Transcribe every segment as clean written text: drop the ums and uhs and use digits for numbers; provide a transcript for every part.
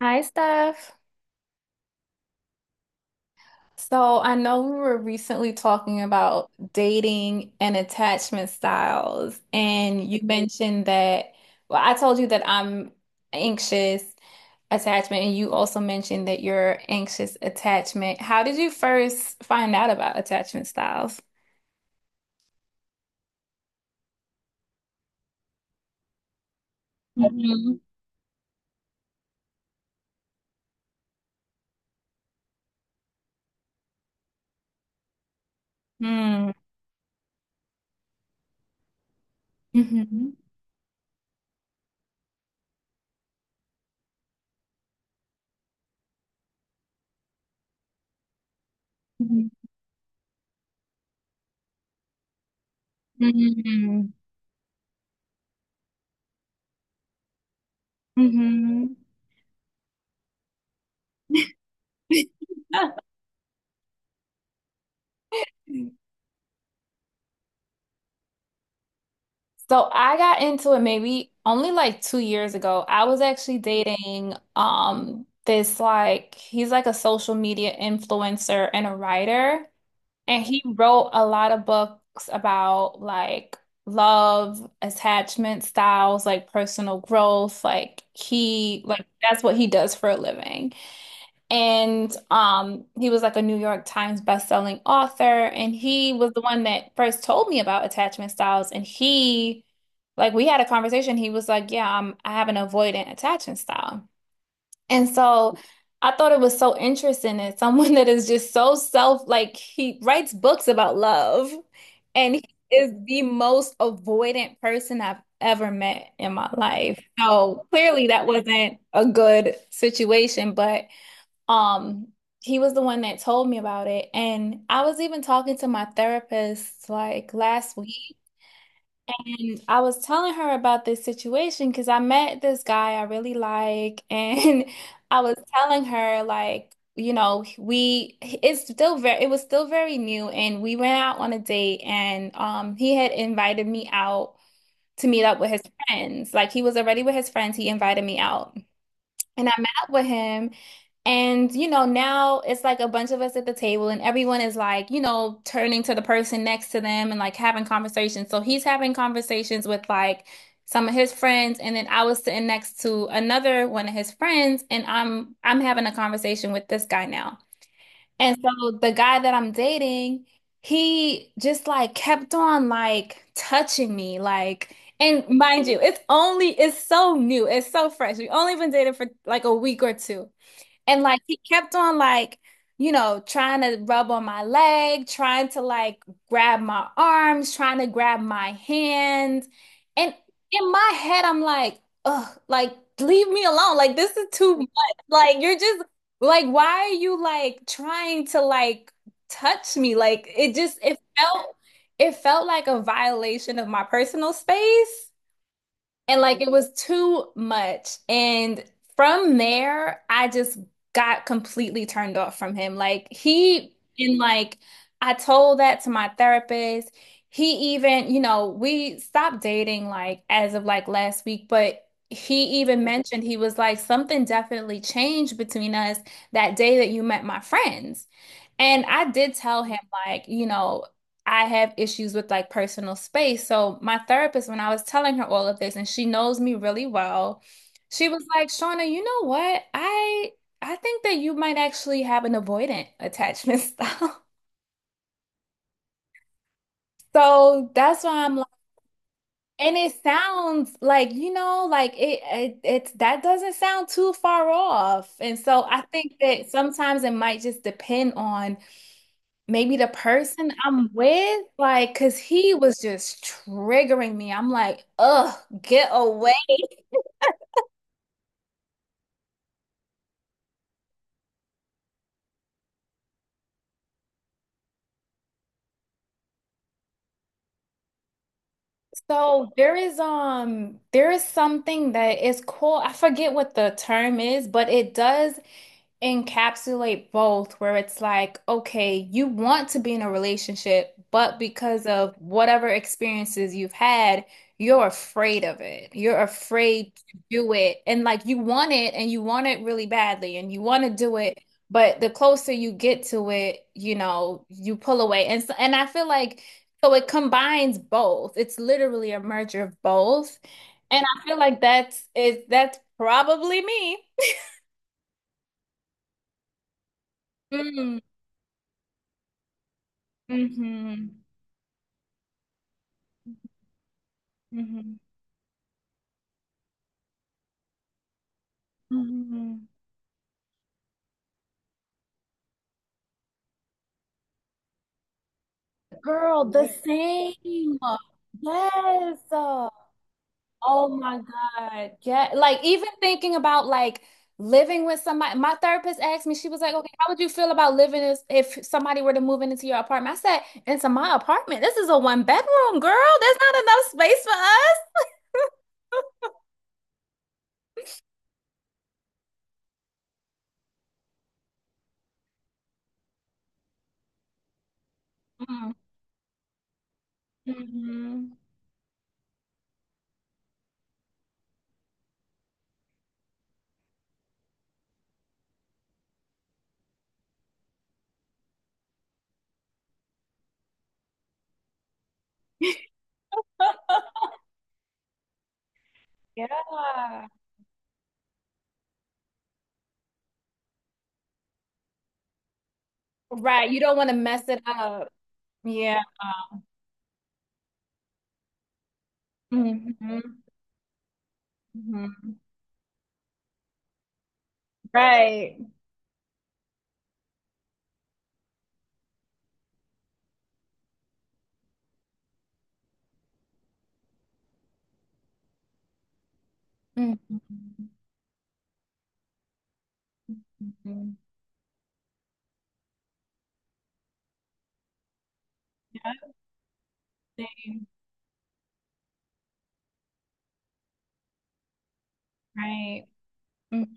Hi, Steph. So I know we were recently talking about dating and attachment styles, and you mentioned that, well, I told you that I'm anxious attachment, and you also mentioned that you're anxious attachment. How did you first find out about attachment styles? Mm-hmm. Mm-hmm. Mm-hmm. Mm-hmm. Mm-hmm. So I got into it maybe only like 2 years ago. I was actually dating this like he's like a social media influencer and a writer, and he wrote a lot of books about like love, attachment styles, like personal growth. Like he like that's what he does for a living. And he was like a New York Times best-selling author, and he was the one that first told me about attachment styles. And he, like, we had a conversation. He was like, "Yeah, I have an avoidant attachment style." And so I thought it was so interesting that someone that is just so self, like, he writes books about love, and he is the most avoidant person I've ever met in my life. So clearly, that wasn't a good situation, but. Um, he was the one that told me about it. And I was even talking to my therapist like last week, and I was telling her about this situation because I met this guy I really like, and I was telling her like, you know, we it's still very it was still very new, and we went out on a date, and he had invited me out to meet up with his friends. Like he was already with his friends, he invited me out. And I met up with him. And, you know, now it's like a bunch of us at the table, and everyone is like, you know, turning to the person next to them and like having conversations. So he's having conversations with like some of his friends, and then I was sitting next to another one of his friends, and I'm having a conversation with this guy now. And so the guy that I'm dating, he just like kept on like touching me, like, and mind you, it's so new, it's so fresh. We only been dating for like a week or two. And like he kept on like, you know, trying to rub on my leg, trying to like grab my arms, trying to grab my hands. And in my head, I'm like, ugh, like leave me alone. Like this is too much. Like you're just like, why are you like trying to like touch me? Like it felt like a violation of my personal space. And like it was too much. And from there, I just got completely turned off from him. Like he, and like I told that to my therapist. He even, you know, we stopped dating like as of like last week, but he even mentioned he was like, something definitely changed between us that day that you met my friends. And I did tell him, like, you know, I have issues with like personal space. So my therapist, when I was telling her all of this, and she knows me really well, she was like, Shauna, you know what? I think that you might actually have an avoidant attachment style. So that's why I'm like, and it sounds like, you know, it's that doesn't sound too far off. And so I think that sometimes it might just depend on maybe the person I'm with, like, cause he was just triggering me. I'm like, ugh, get away. So there is something that is cool. I forget what the term is, but it does encapsulate both where it's like, okay, you want to be in a relationship, but because of whatever experiences you've had, you're afraid of it. You're afraid to do it. And like you want it and you want it really badly and you want to do it, but the closer you get to it, you know, you pull away. And so, and I feel like so it combines both. It's literally a merger of both. And I feel like that's probably me. Mm. Mm-hmm. Mm-hmm. Hmm. Girl, the Yeah. same. Yes. Oh my God. Yeah. Like even thinking about like living with somebody. My therapist asked me, she was like, okay, how would you feel about if somebody were to move in into your apartment? I said, into my apartment. This is a one bedroom, girl. There's not enough space for us. Mm-hmm. Yeah. Right. You don't want to mess it up. Yeah. Hmm. Right. Mhm. Mhm. Yeah, same. Right. Mhm.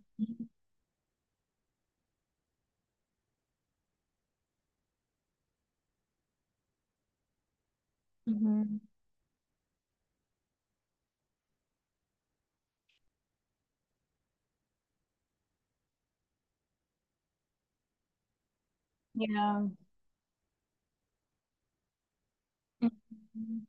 Mhm. Yeah. Mhm.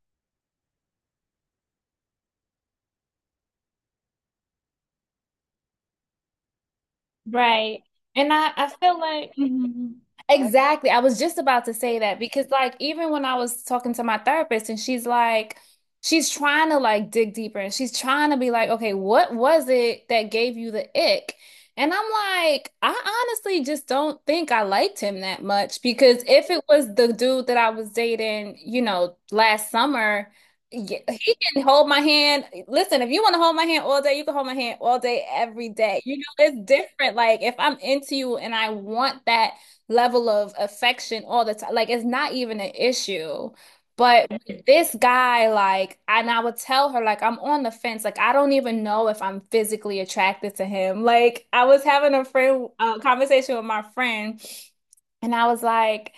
Right. And I feel like, mhm, exactly. I was just about to say that because like even when I was talking to my therapist and she's like she's trying to like dig deeper and she's trying to be like, okay, what was it that gave you the ick? And I'm like, I honestly just don't think I liked him that much because if it was the dude that I was dating, you know, last summer yeah, he can hold my hand. Listen, if you want to hold my hand all day, you can hold my hand all day, every day. You know, it's different. Like if I'm into you and I want that level of affection all the time, like it's not even an issue. But with this guy, like, and I would tell her, like, I'm on the fence. Like, I don't even know if I'm physically attracted to him. Like, I was having a friend conversation with my friend, and I was like.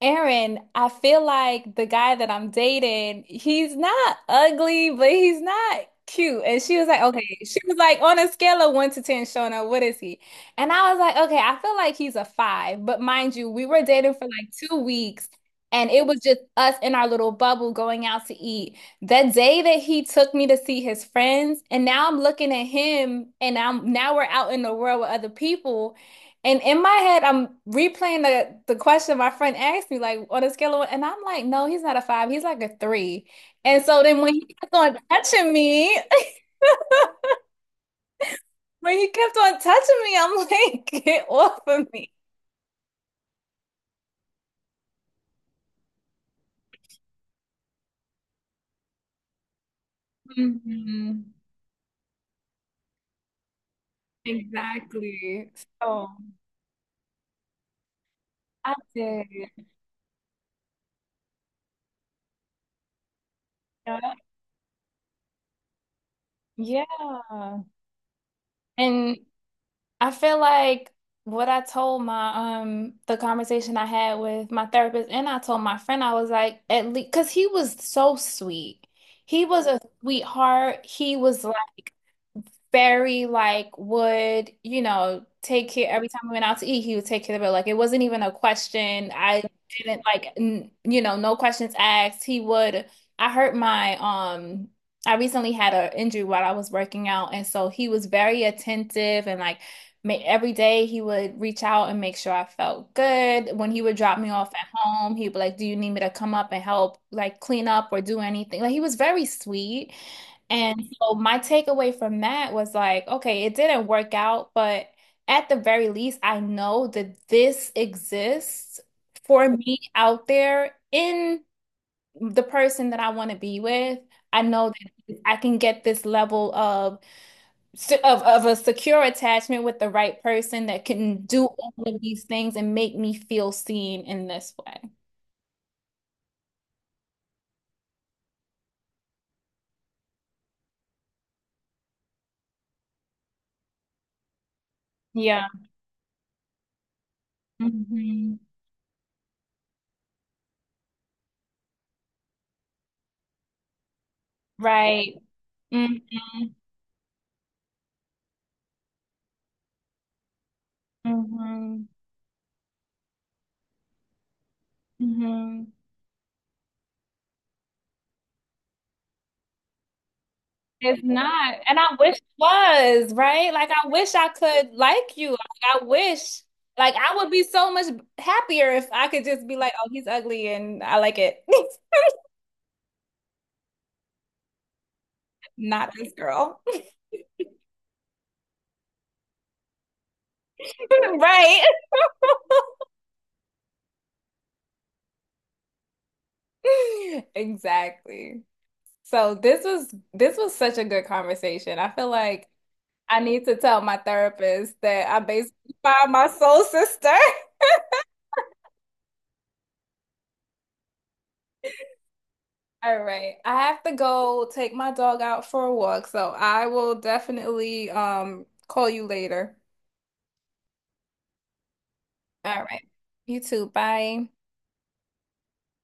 Aaron, I feel like the guy that I'm dating, he's not ugly, but he's not cute. And she was like, okay, she was like, on a scale of one to 10, Shona, what is he? And I was like, okay, I feel like he's a five. But mind you, we were dating for like 2 weeks, and it was just us in our little bubble going out to eat. That day that he took me to see his friends, and now I'm looking at him, and I'm now we're out in the world with other people. And in my head, I'm replaying the question my friend asked me, like on a scale of, one, and I'm like, no, he's not a five, he's like a three. And so then when he kept on touching me, when he kept on touching me, I'm like, get off of me. Mhm. Exactly. So I did. Yeah. Yeah. And I feel like what I told my the conversation I had with my therapist and I told my friend I was like at least because he was so sweet. He was a sweetheart. He was very like would, you know, take care every time we went out to eat, he would take care of it. Like it wasn't even a question. I didn't like, n you know, no questions asked. He would, I hurt my, um, I recently had an injury while I was working out. And so he was very attentive and like every day he would reach out and make sure I felt good. When he would drop me off at home, he'd be like, do you need me to come up and help like clean up or do anything? Like he was very sweet. And so my takeaway from that was like, okay, it didn't work out, but at the very least, I know that this exists for me out there in the person that I want to be with. I know that I can get this level of a secure attachment with the right person that can do all of these things and make me feel seen in this way. Yeah. Mhm. Right. Hmm. Hmm. Hmm. It's not. And I wish it was, right? Like I wish I could like you. Like I wish like I would be so much happier if I could just be like, oh, he's ugly and I like it. Not this girl. Right. Exactly. So this was such a good conversation. I feel like I need to tell my therapist that I basically found my soul sister. All right. I have to go take my dog out for a walk, so I will definitely call you later. All right. You too. Bye.